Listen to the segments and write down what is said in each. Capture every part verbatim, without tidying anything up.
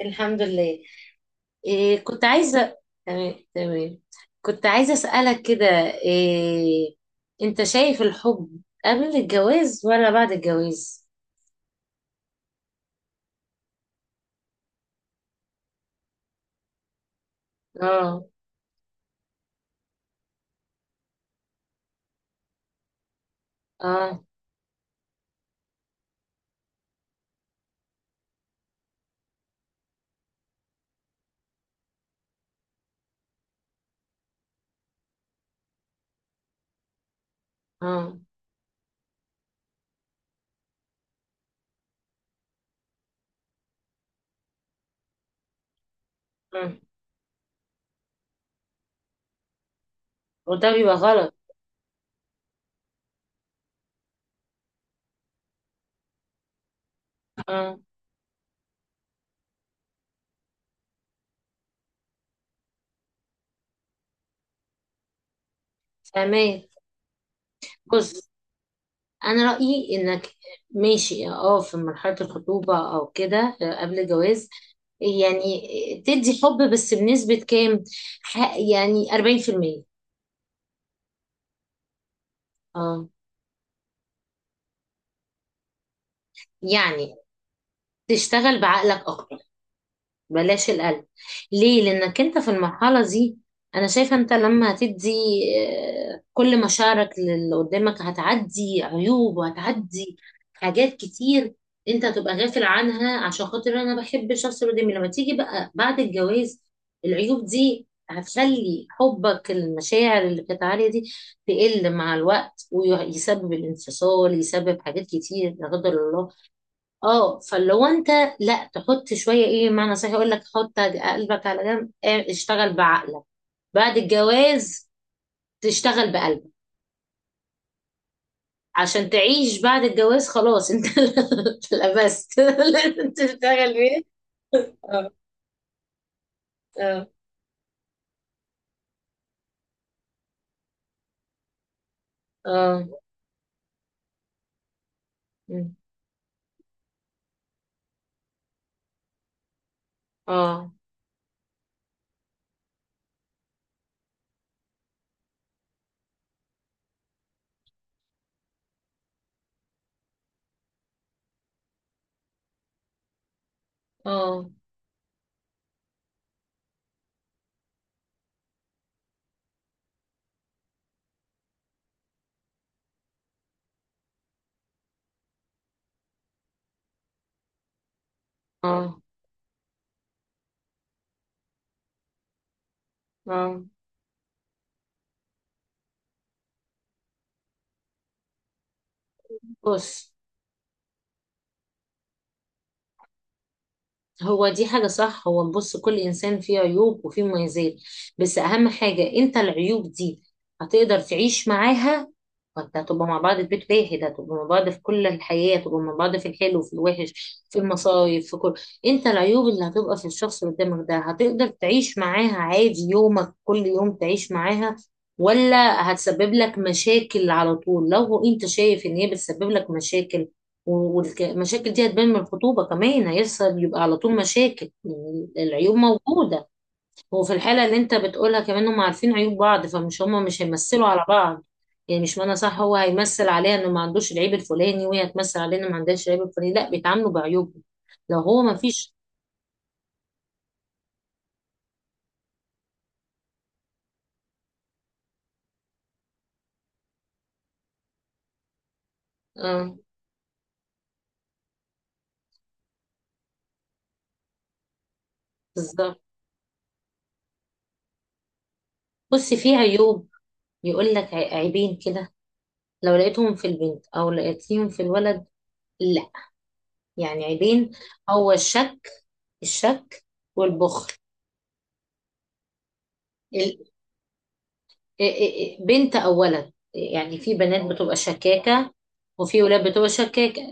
الحمد لله. إيه، كنت عايزة. تمام تمام. كنت عايزة أسألك كده. إيه، أنت شايف الحب قبل الجواز ولا بعد الجواز؟ اه. اه. اه. آه. وده بيبقى غلط. اه. فاهمين. بص، أنا رأيي إنك ماشي، اه، في مرحلة الخطوبة أو كده، آه، قبل الجواز، يعني، آه، تدي حب بس بنسبة كام؟ ح- يعني أربعين في المية. اه. يعني تشتغل بعقلك اكتر، بلاش القلب. ليه؟ لانك انت في المرحله دي، انا شايفه انت لما هتدي، آه، كل مشاعرك للي قدامك هتعدي عيوب، وهتعدي حاجات كتير انت هتبقى غافل عنها، عشان خاطر انا بحب الشخص اللي قدامي. لما تيجي بقى بعد الجواز العيوب دي هتخلي حبك، المشاعر اللي كانت عالية دي، تقل مع الوقت، ويسبب الانفصال، يسبب حاجات كتير لا قدر الله. اه، فاللي هو انت لا تحط شويه، ايه معنى صحيح، يقول لك حط قلبك على جنب، اه، اشتغل بعقلك بعد الجواز، تشتغل بقلبك عشان تعيش بعد الجواز. خلاص انت لبست لازم تشتغل بيه. اه. اه. اه. اه. اه. اه. اه. بص، هو دي حاجة صح. هو بص، كل إنسان فيه عيوب وفيه مميزات. بس أهم حاجة أنت العيوب دي هتقدر تعيش معاها. وأنت هتبقى مع بعض في بيت واحد، هتبقى مع بعض في كل الحياة، هتبقى مع بعض في الحلو في الوحش في المصايب في كل. أنت العيوب اللي هتبقى في الشخص اللي قدامك ده هتقدر تعيش معاها عادي يومك كل يوم تعيش معاها، ولا هتسبب لك مشاكل على طول؟ لو أنت شايف إن هي بتسبب لك مشاكل، والمشاكل دي هتبان من الخطوبة كمان، هيحصل يبقى على طول مشاكل، يعني العيوب موجودة. هو في الحالة اللي انت بتقولها كمان هم عارفين عيوب بعض، فمش هما مش هيمثلوا على بعض. يعني مش معنى صح هو هيمثل عليها انه ما عندوش العيب الفلاني، وهي هتمثل عليها انه ما عندهاش العيب الفلاني، لا، بيتعاملوا بعيوبهم لو هو ما فيش. اه، بالظبط. بصي في عيوب، يقول لك عي- عيبين كده، لو لقيتهم في البنت او لقيتهم في الولد، لا، يعني عيبين. هو الشك، الشك والبخل. إيه إيه، إيه، بنت او ولد، يعني في بنات بتبقى شكاكة، وفي ولاد بتبقى شكاكة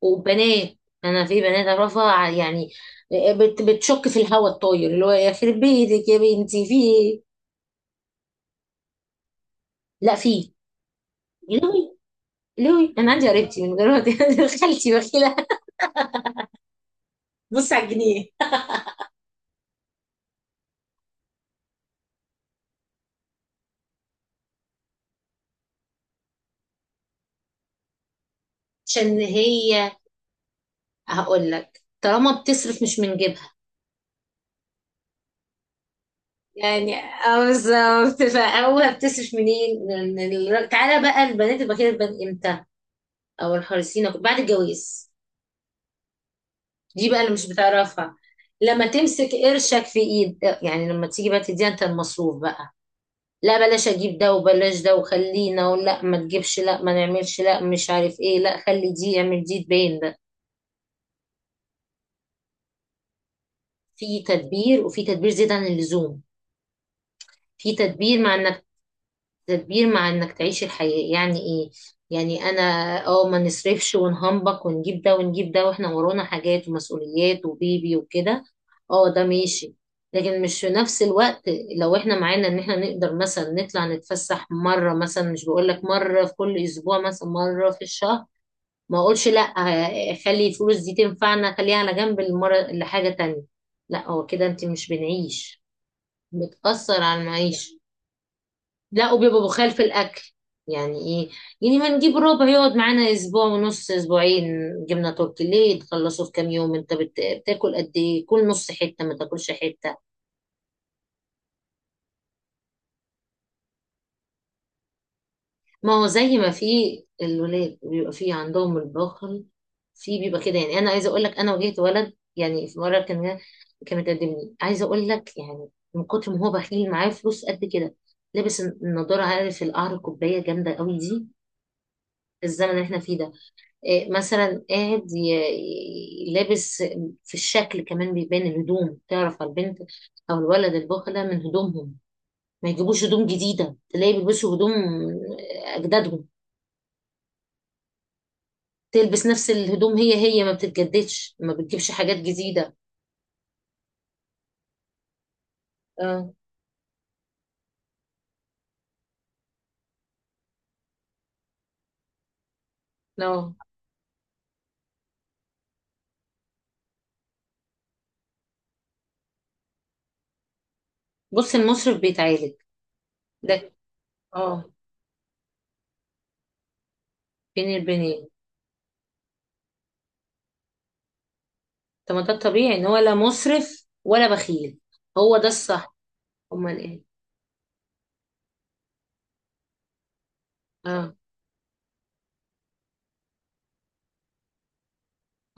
وبنات. انا في بنات اعرفها، ع- يعني إيه، بت- بتشك في الهوا الطاير، اللي هو يخرب بيتك يا بنتي في ايه. لا في. لوي لوي، انا عندي قريبتي من غير ما ت- خالتي بخيلة. بص على الجنيه، عشان هي. هقول لك طالما بتصرف مش من جيبها. يعني اه بالظبط، فهو بتصرف منين، من ال- تعالى بقى. البنات البخيلة بتبان امتى؟ او الحريصين بعد الجواز؟ دي بقى اللي مش بتعرفها. لما تمسك قرشك في ايد، يعني لما تيجي بقى تديها انت المصروف بقى، لا بلاش اجيب ده وبلاش ده وخلينا، ولا ما تجيبش، لا ما نعملش، لا مش عارف ايه، لا خلي دي اعمل دي تبين ده. في تدبير وفي تدبير زيادة عن اللزوم. في تدبير مع انك، تدبير مع انك تعيش الحياة، يعني ايه. يعني انا، اه، ما نصرفش ونهنبك، ونجيب ده ونجيب ده، واحنا ورانا حاجات ومسؤوليات وبيبي وكده، اه، ده ماشي. لكن مش في نفس الوقت، لو احنا معانا ان احنا نقدر مثلا نطلع نتفسح مرة، مثلا مش بقول لك مرة في كل اسبوع، مثلا مرة في الشهر، ما اقولش لا، آه، خلي الفلوس دي تنفعنا، خليها على جنب المرة لحاجة تانية. لا، هو كده انت مش بنعيش، بتأثر على المعيشة. لا، وبيبقى بخال في الاكل، يعني ايه، يعني ما نجيب ربع يقعد معانا اسبوع ونص، اسبوعين. جبنه تركي ليه تخلصه في كام يوم، انت بت... بتاكل قد ايه، كل نص حته ما تاكلش حته. ما هو زي ما في الولاد بيبقى في عندهم البخل، في بيبقى كده، يعني انا عايزه اقول لك انا واجهت ولد يعني في مره، كان جا- كان متقدمني، عايزه اقول لك يعني من كتر ما هو بخيل معاه فلوس قد كده. لابس النضاره، عارف القعر، الكوبايه جامده قوي دي، الزمن اللي احنا فيه ده. إيه، مثلا قاعد ي- ي- لابس. في الشكل كمان بيبان، الهدوم تعرف على البنت او الولد البخلة من هدومهم، ما يجيبوش هدوم جديدة، تلاقي بيلبسوا هدوم اجدادهم، تلبس نفس الهدوم، هي هي ما بتتجددش، ما بتجيبش حاجات جديدة. اه لا، بص، المصرف بيتعالج. ده اه، بين البنين. طب ما ده الطبيعي ان هو لا مصرف ولا بخيل، هو ده الصح. امال ايه؟ اه.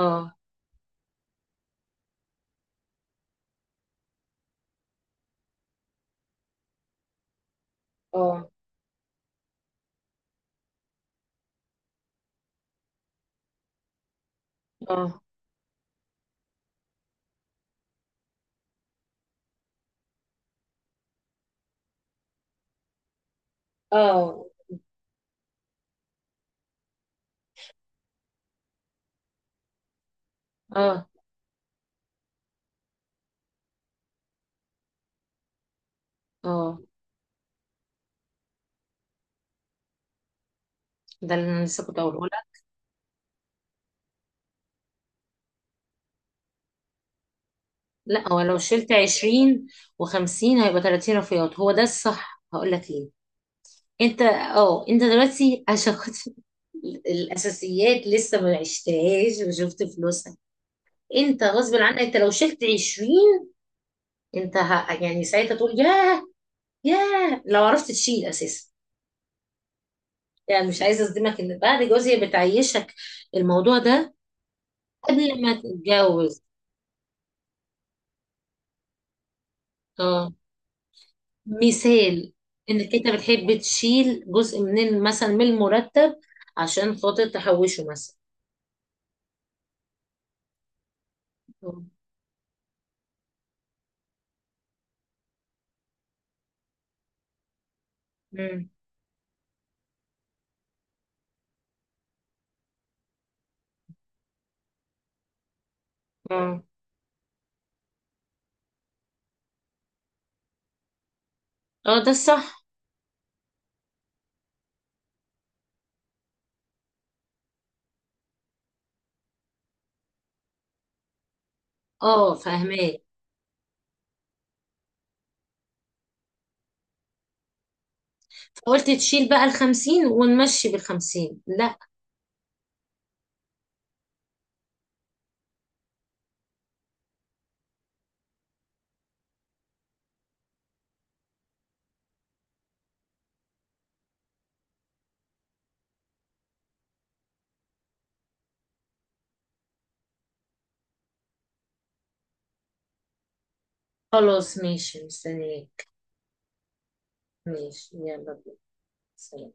اه. اه. اه. اه. اه. اه. ده اللي انا لسه كنت هقوله لك. لا، هو لو شلت عشرين و50 هيبقى ثلاثين رفيعات، هو ده الصح. هقول لك ليه. انت، اه، انت دلوقتي عشان خاطر الاساسيات لسه ما عشتهاش وشفت فلوسها. انت غصب عنك انت لو شلت عشرين، انت ه... يعني ساعتها تقول ياه. ياه، لو عرفت تشيل اساسا، يعني مش عايزه اصدمك ان بعد جوزي بتعيشك، الموضوع ده قبل ما تتجوز. آه. مثال، انك انت بتحب تشيل جزء من ال- مثلا من المرتب، عشان خاطر تحوشه مثلا. مم. اه. اه ده الصح. اه، فاهماك. قلت تشيل بقى الخمسين ونمشي بالخمسين. لا، خلاص ماشي مستنياك. ماشي، يلا بينا. سلام.